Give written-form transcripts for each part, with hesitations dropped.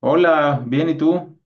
Hola, bien, ¿y tú?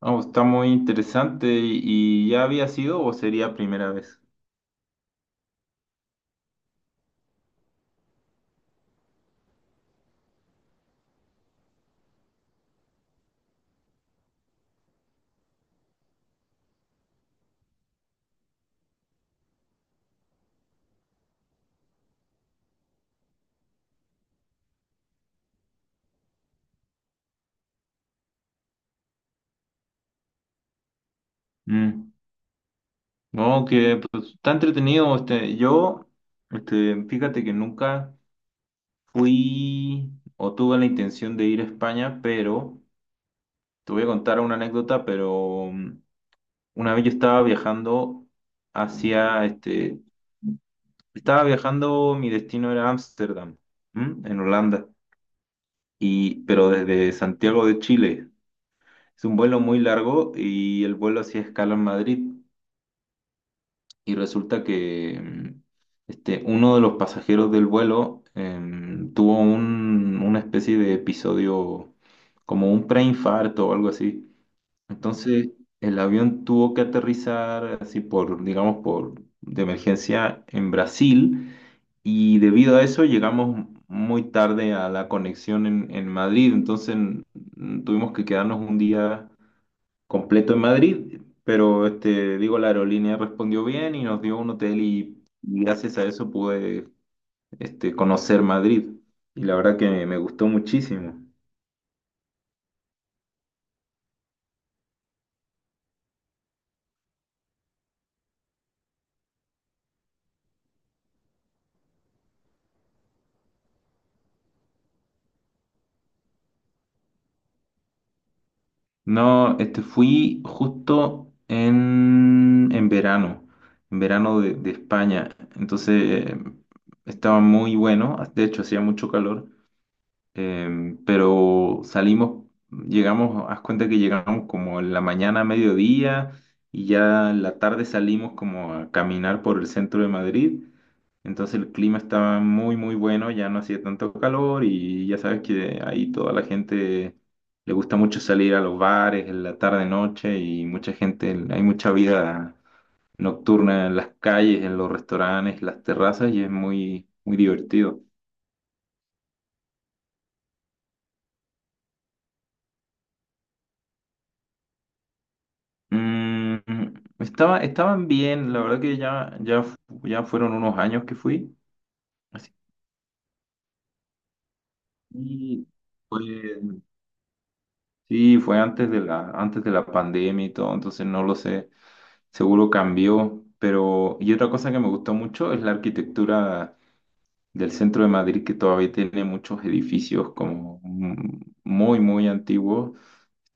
Oh, está muy interesante. ¿Y ya había sido o sería primera vez? Mm. No, que pues, está entretenido. Este, yo, este, fíjate que nunca fui o tuve la intención de ir a España, pero te voy a contar una anécdota, pero una vez yo estaba viajando hacia, este, estaba viajando, mi destino era Ámsterdam, ¿m? En Holanda, pero desde Santiago de Chile. Es un vuelo muy largo y el vuelo hacía escala en Madrid. Y resulta que uno de los pasajeros del vuelo tuvo una especie de episodio como un preinfarto o algo así. Entonces el avión tuvo que aterrizar así digamos, por de emergencia en Brasil. Y debido a eso llegamos muy tarde a la conexión en Madrid. Entonces tuvimos que quedarnos un día completo en Madrid, pero este, digo, la aerolínea respondió bien y nos dio un hotel y gracias a eso pude conocer Madrid. Y la verdad que me gustó muchísimo. No, fui justo en verano, en verano de España. Entonces estaba muy bueno, de hecho hacía mucho calor. Pero salimos, llegamos, haz cuenta que llegamos como en la mañana a mediodía y ya en la tarde salimos como a caminar por el centro de Madrid. Entonces el clima estaba muy, muy bueno, ya no hacía tanto calor y ya sabes que ahí toda la gente le gusta mucho salir a los bares en la tarde, noche y mucha gente, hay mucha vida nocturna en las calles, en los restaurantes, las terrazas y es muy, muy divertido. Mm, estaban bien, la verdad que ya, ya, ya fueron unos años que fui. Así, y fue, sí, fue antes de la pandemia y todo, entonces no lo sé, seguro cambió. Pero, y otra cosa que me gustó mucho es la arquitectura del centro de Madrid, que todavía tiene muchos edificios como muy, muy antiguos,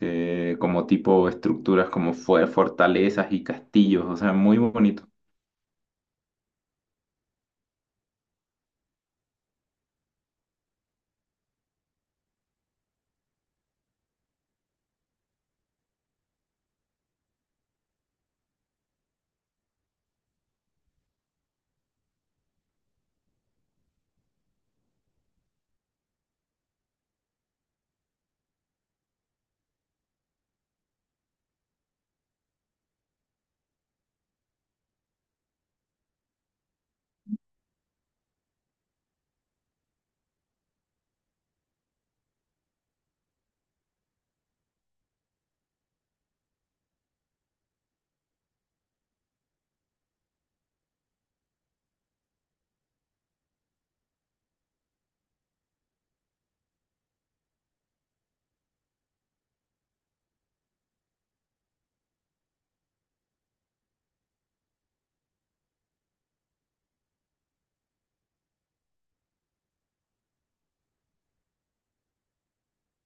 como tipo estructuras como fue fortalezas y castillos, o sea, muy bonito.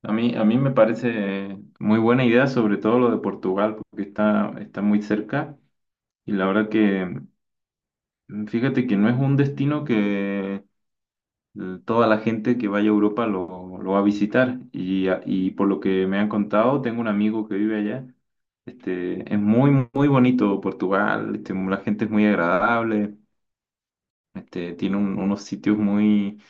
A mí me parece muy buena idea, sobre todo lo de Portugal, porque está muy cerca y la verdad que, fíjate que no es un destino que toda la gente que vaya a Europa lo va a visitar y por lo que me han contado, tengo un amigo que vive allá, es muy, muy bonito Portugal, la gente es muy agradable, tiene unos sitios muy,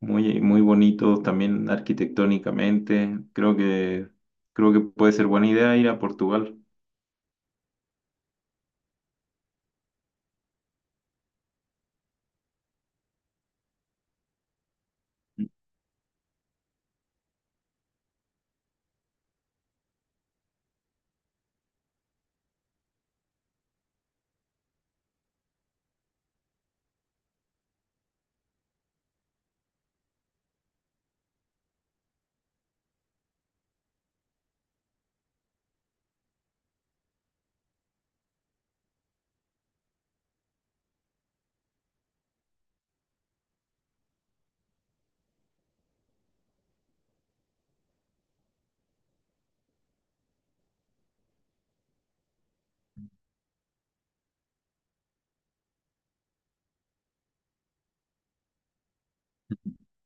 muy, muy bonitos también arquitectónicamente. Creo que puede ser buena idea ir a Portugal.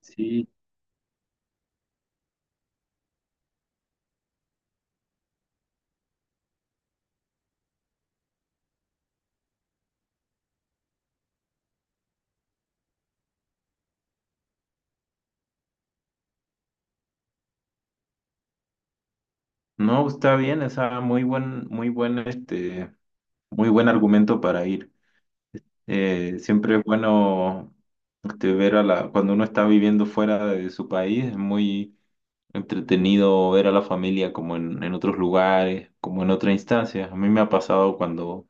Sí, no, está bien, o sea, muy buen argumento para ir. Siempre es bueno ver cuando uno está viviendo fuera de su país, es muy entretenido ver a la familia como en otros lugares, como en otra instancia. A mí me ha pasado cuando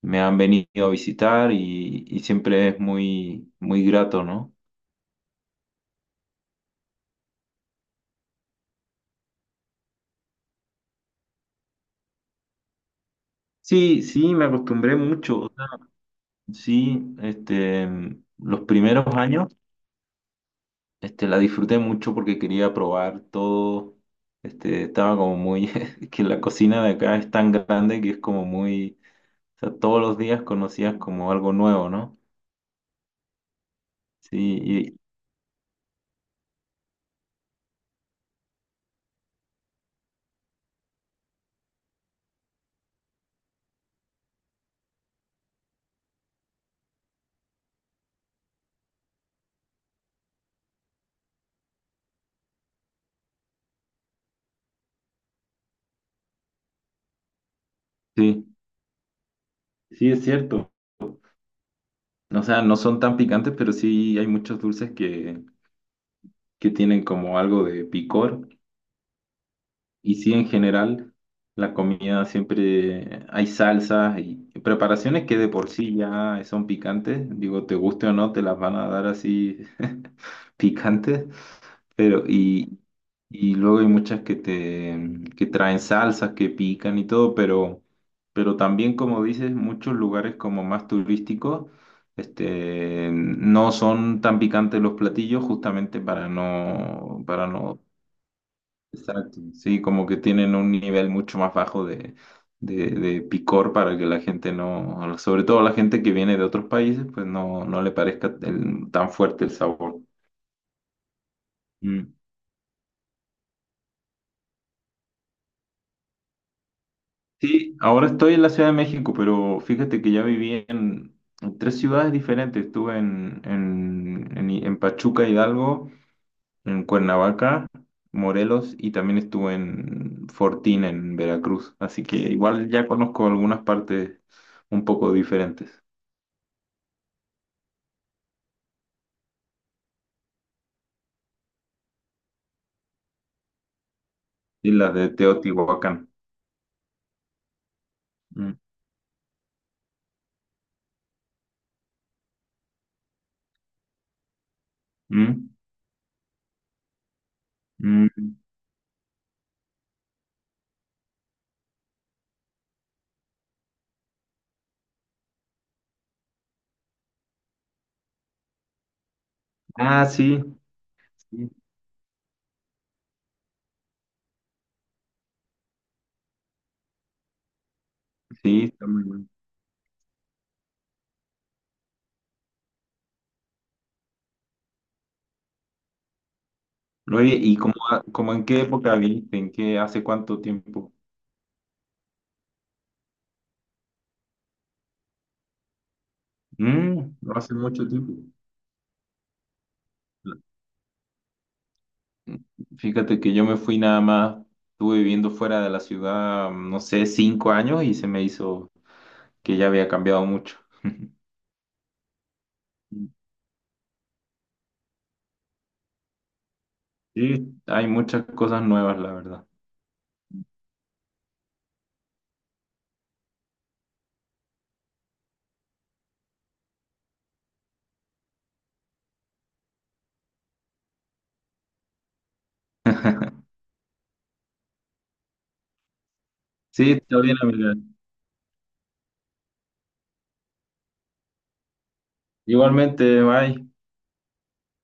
me han venido a visitar y siempre es muy, muy grato, ¿no? Sí, sí, me acostumbré mucho. O sea, sí, los primeros años, la disfruté mucho porque quería probar todo. Estaba como muy, que la cocina de acá es tan grande que es como muy, o sea, todos los días conocías como algo nuevo, ¿no? Sí, y- sí, sí es cierto. O sea, no son tan picantes, pero sí hay muchos dulces que tienen como algo de picor. Y sí, en general, la comida siempre hay salsas y preparaciones que de por sí ya son picantes. Digo, te guste o no, te las van a dar así picantes. Pero, y luego hay muchas que traen salsas, que pican y todo, pero, también, como dices, muchos lugares como más turísticos, no son tan picantes los platillos justamente para no. Exacto, sí, como que tienen un nivel mucho más bajo de picor para que la gente no, sobre todo la gente que viene de otros países, pues no, no le parezca tan fuerte el sabor. Mm. Sí, ahora estoy en la Ciudad de México, pero fíjate que ya viví en tres ciudades diferentes. Estuve en Pachuca, Hidalgo, en Cuernavaca, Morelos y también estuve en Fortín, en Veracruz. Así que igual ya conozco algunas partes un poco diferentes. Y la de Teotihuacán. Mm, mm, mm. Ah, sí, sí, sí, está muy bueno. Oye, ¿y cómo, en qué época viste? ¿Hace cuánto tiempo? No hace mucho tiempo. Fíjate que yo me fui nada más, estuve viviendo fuera de la ciudad, no sé, 5 años y se me hizo que ya había cambiado mucho. Sí, hay muchas cosas nuevas, la verdad. Sí, está bien, amiga. Igualmente, bye.